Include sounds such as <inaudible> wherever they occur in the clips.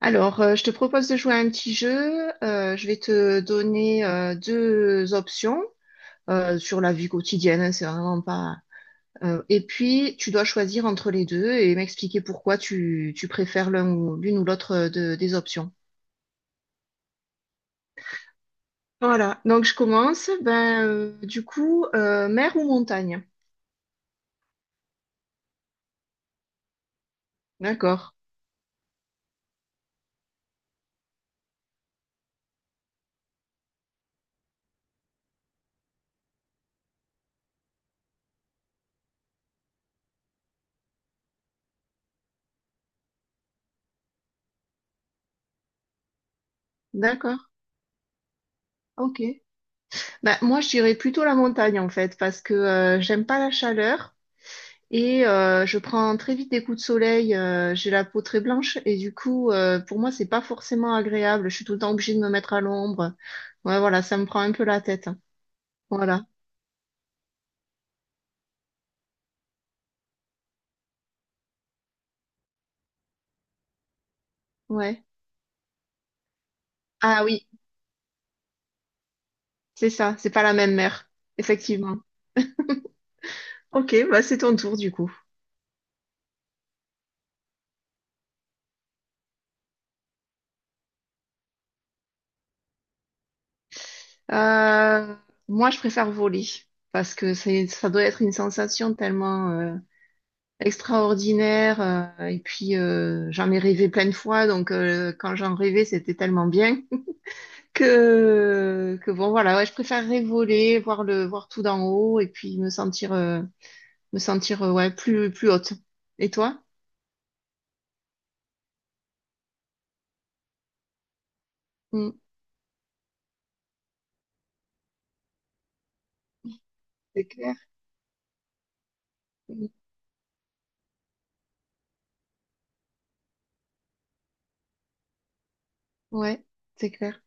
Alors, je te propose de jouer à un petit jeu. Je vais te donner deux options sur la vie quotidienne. Hein, c'est vraiment pas. Et puis, tu dois choisir entre les deux et m'expliquer pourquoi tu préfères l'un ou l'une ou l'autre des options. Voilà. Donc, je commence. Ben, du coup, mer ou montagne? D'accord. D'accord. Ok. Ben, moi, je dirais plutôt la montagne en fait parce que j'aime pas la chaleur. Et je prends très vite des coups de soleil, j'ai la peau très blanche et du coup, pour moi, c'est pas forcément agréable. Je suis tout le temps obligée de me mettre à l'ombre. Ouais, voilà, ça me prend un peu la tête, hein. Voilà, ouais. Ah oui, c'est ça, c'est pas la même mer, effectivement. Ok, bah c'est ton tour du coup. Euh, Moi, je préfère voler parce que ça doit être une sensation tellement extraordinaire et puis j'en ai rêvé plein de fois, donc quand j'en rêvais, c'était tellement bien. Que bon, voilà, ouais, je préférerais voler, voir tout d'en haut et puis me sentir, ouais, plus haute. Et toi? Mm, c'est clair. Mm, ouais, c'est clair.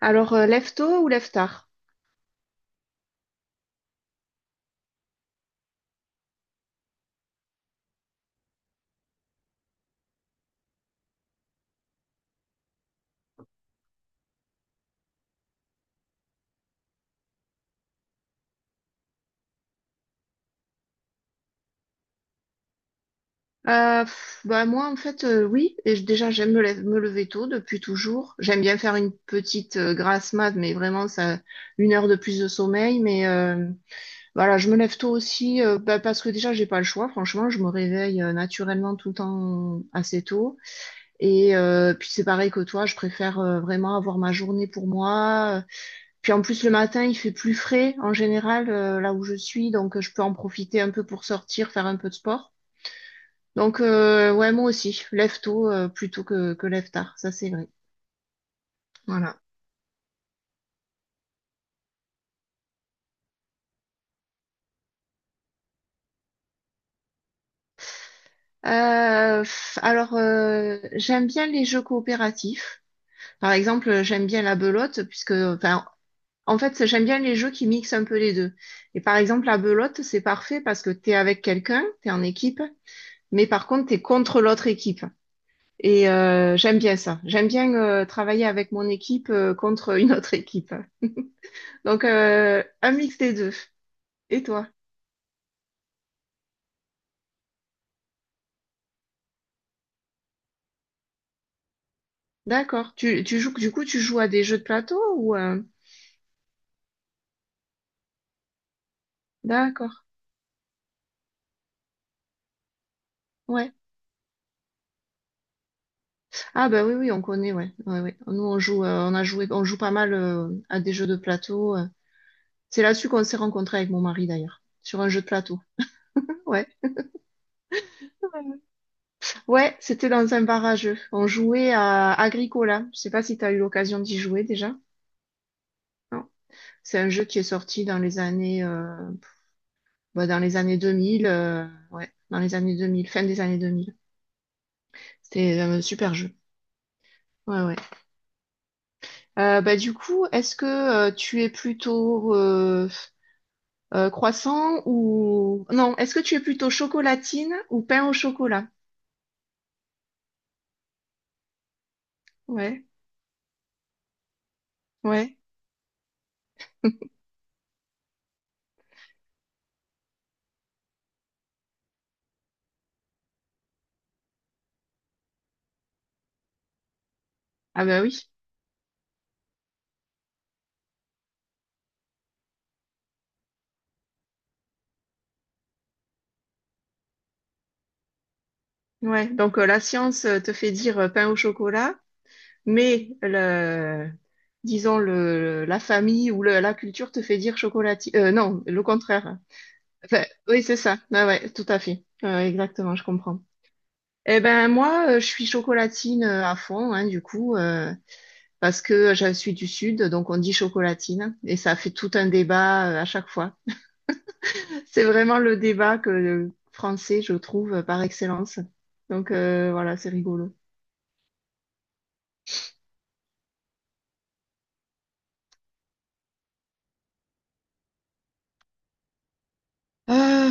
Alors, lève tôt ou lève tard? Bah moi en fait oui et déjà j'aime me lever tôt depuis toujours. J'aime bien faire une petite grasse mat mais vraiment ça 1 heure de plus de sommeil mais voilà, je me lève tôt aussi, bah, parce que déjà, j'ai pas le choix. Franchement, je me réveille naturellement tout le temps assez tôt. Et puis c'est pareil que toi, je préfère vraiment avoir ma journée pour moi. Puis en plus, le matin, il fait plus frais en général là où je suis, donc je peux en profiter un peu pour sortir, faire un peu de sport. Donc ouais, moi aussi, lève tôt plutôt que lève tard, ça c'est vrai. Voilà. Alors, j'aime bien les jeux coopératifs. Par exemple, j'aime bien la belote, puisque, enfin, en fait, j'aime bien les jeux qui mixent un peu les deux. Et par exemple, la belote, c'est parfait parce que t'es avec quelqu'un, t'es en équipe, mais par contre, t'es contre l'autre équipe. Et j'aime bien ça. J'aime bien travailler avec mon équipe contre <laughs> une autre équipe. Donc, un mix des deux. Et toi? D'accord. Tu joues, du coup, tu joues à des jeux de plateau ou d'accord. Ouais. Ah bah oui, oui, on connaît, ouais. Ouais, ouais. Nous, on a joué, on joue pas mal à des jeux de plateau. C'est là-dessus qu'on s'est rencontrés avec mon mari d'ailleurs, sur un jeu de plateau. Ouais, ouais, c'était dans un bar à jeux. On jouait à Agricola. Je sais pas si tu as eu l'occasion d'y jouer déjà. Non. C'est un jeu qui est sorti dans les années 2000. Ouais, dans les années 2000, fin des années 2000. C'était un super jeu. Ouais, ouais. Bah, du coup, est-ce que tu es plutôt croissant ou... Non, est-ce que tu es plutôt chocolatine ou pain au chocolat? Ouais, ouais. Ah bah oui. Ouais, donc la science te fait dire pain au chocolat mais le, disons le, la famille ou la culture te fait dire chocolatier. Non, le contraire. Enfin, oui, c'est ça. Ah ouais, tout à fait. Exactement, je comprends. Eh ben moi, je suis chocolatine à fond, hein, du coup, parce que je suis du sud, donc on dit chocolatine, et ça fait tout un débat à chaque fois. C'est vraiment le débat que le français, je trouve, par excellence. Donc voilà, c'est rigolo. Euh,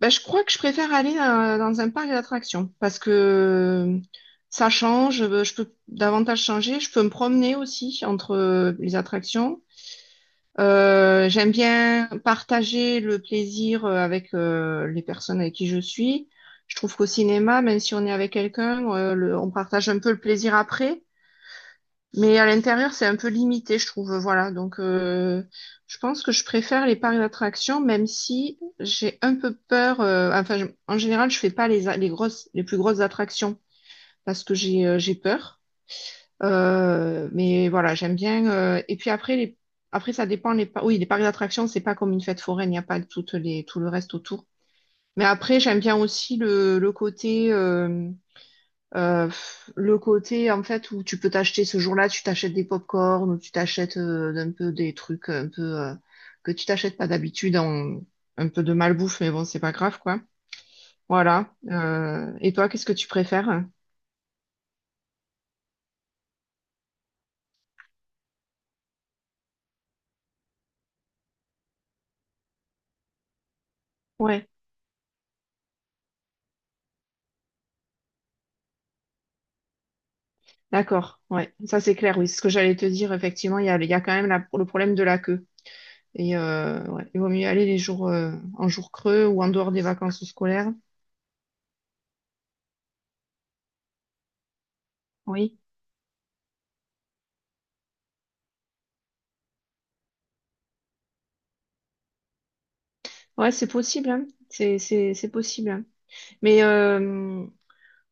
Ben, je crois que je préfère aller dans un parc d'attractions parce que ça change, je peux davantage changer, je peux me promener aussi entre les attractions. J'aime bien partager le plaisir avec les personnes avec qui je suis. Je trouve qu'au cinéma, même si on est avec quelqu'un, on partage un peu le plaisir après. Mais à l'intérieur, c'est un peu limité, je trouve. Voilà. Donc, je pense que je préfère les parcs d'attractions, même si j'ai un peu peur. Enfin, en général, je fais pas les grosses, les plus grosses attractions parce que j'ai peur. Mais voilà, j'aime bien. Et puis après, après, ça dépend. Les, par. Oui, les parcs d'attractions, c'est pas comme une fête foraine. Il n'y a pas tout le reste autour. Mais après, j'aime bien aussi le côté. Euh, le côté en fait où tu peux t'acheter ce jour-là, tu t'achètes des pop corn ou tu t'achètes un peu des trucs un peu que tu t'achètes pas d'habitude, un peu de malbouffe, mais bon, c'est pas grave quoi. Voilà. Et toi, qu'est-ce que tu préfères? Ouais, d'accord. Ouais, ça c'est clair. Oui, c'est ce que j'allais te dire. Effectivement, il y a quand même le problème de la queue. Et ouais, il vaut mieux aller les jours en jours creux ou en dehors des vacances scolaires. Oui, ouais, c'est possible, hein. C'est possible, hein. Mais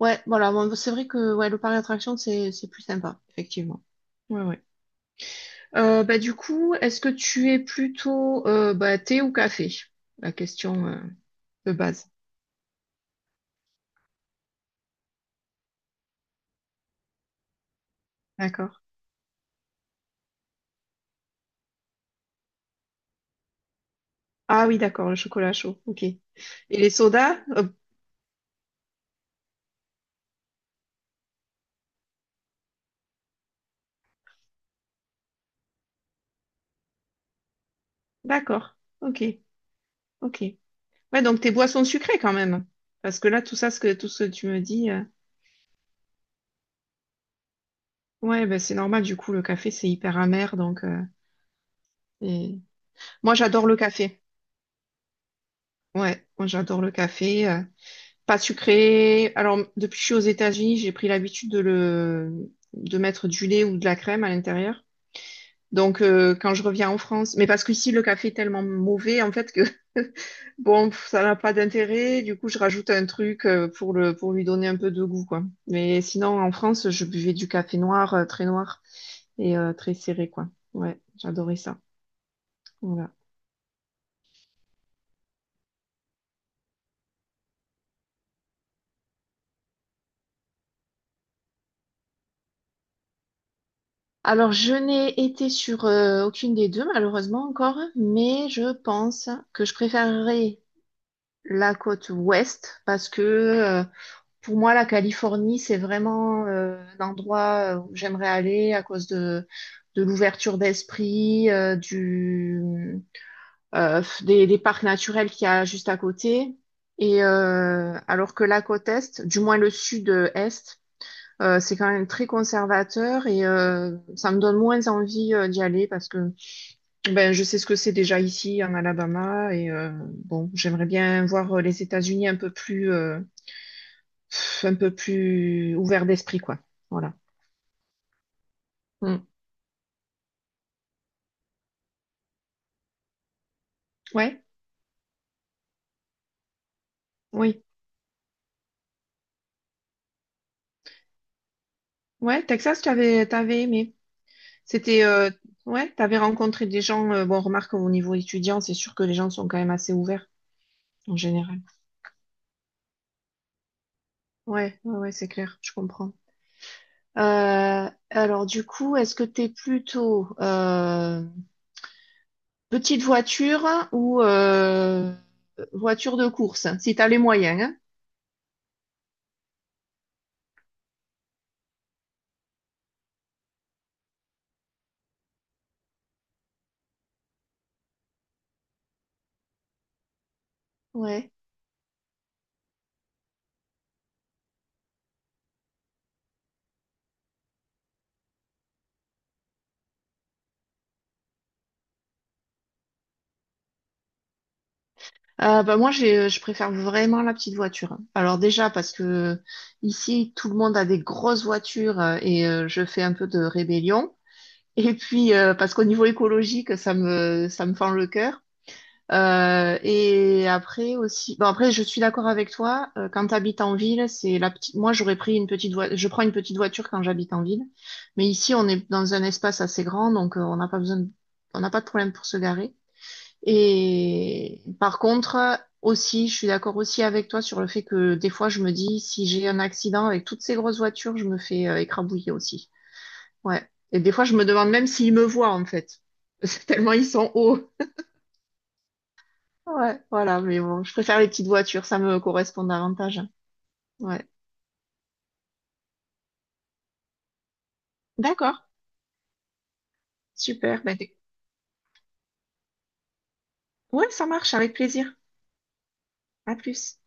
ouais, voilà, bon, c'est vrai que ouais, le parc d'attractions, c'est plus sympa, effectivement. Ouais, ouais. Bah, du coup, est-ce que tu es plutôt thé ou café? La question de base. D'accord. Ah oui, d'accord, le chocolat chaud, ok. Et les sodas? D'accord, ok, ok. Ouais, donc tes boissons sucrées quand même. Parce que là, tout ça, tout ce que tu me dis, ouais, bah, c'est normal, du coup, le café, c'est hyper amer, donc... et- Moi, j'adore le café. Ouais, moi, j'adore le café. Pas sucré. Alors, depuis que je suis aux États-Unis, j'ai pris l'habitude de mettre du lait ou de la crème à l'intérieur. Donc, quand je reviens en France, mais parce qu'ici, le café est tellement mauvais, en fait, que <laughs> bon, ça n'a pas d'intérêt. Du coup, je rajoute un truc pour lui donner un peu de goût, quoi. Mais sinon, en France, je buvais du café noir, très noir et très serré, quoi. Ouais, j'adorais ça. Voilà. Alors, je n'ai été sur aucune des deux, malheureusement encore, mais je pense que je préférerais la côte ouest parce que pour moi la Californie c'est vraiment un endroit où j'aimerais aller à cause de l'ouverture d'esprit du des parcs naturels qu'il y a juste à côté et alors que la côte est, du moins le sud-est, c'est quand même très conservateur et ça me donne moins envie d'y aller parce que ben, je sais ce que c'est déjà ici en Alabama et bon, j'aimerais bien voir les États-Unis un peu plus, un peu plus ouverts d'esprit, quoi. Voilà. Mm. Ouais, oui, ouais. Texas, t'avais aimé. C'était, euh, ouais, t'avais rencontré des gens. Bon, remarque au niveau étudiant, c'est sûr que les gens sont quand même assez ouverts en général. Ouais, ouais, ouais, c'est clair, je comprends. Alors du coup, est-ce que t'es plutôt petite voiture ou voiture de course, si tu as les moyens, hein. Ouais. Bah moi, je préfère vraiment la petite voiture. Alors déjà, parce que ici, tout le monde a des grosses voitures et je fais un peu de rébellion. Et puis, parce qu'au niveau écologique, ça me fend le cœur. Et après aussi, bon après, je suis d'accord avec toi. Quand tu habites en ville, c'est la petite. Moi, j'aurais pris une petite voiture. Je prends une petite voiture quand j'habite en ville, mais ici, on est dans un espace assez grand, donc on n'a pas de problème pour se garer. Et par contre, aussi, je suis d'accord aussi avec toi sur le fait que des fois, je me dis, si j'ai un accident avec toutes ces grosses voitures, je me fais écrabouiller aussi. Ouais. Et des fois, je me demande même s'ils me voient, en fait. <laughs> Tellement ils sont hauts. Ouais, voilà, mais bon, je préfère les petites voitures, ça me correspond davantage. Ouais. D'accord. Super. Ouais, ça marche, avec plaisir. À plus.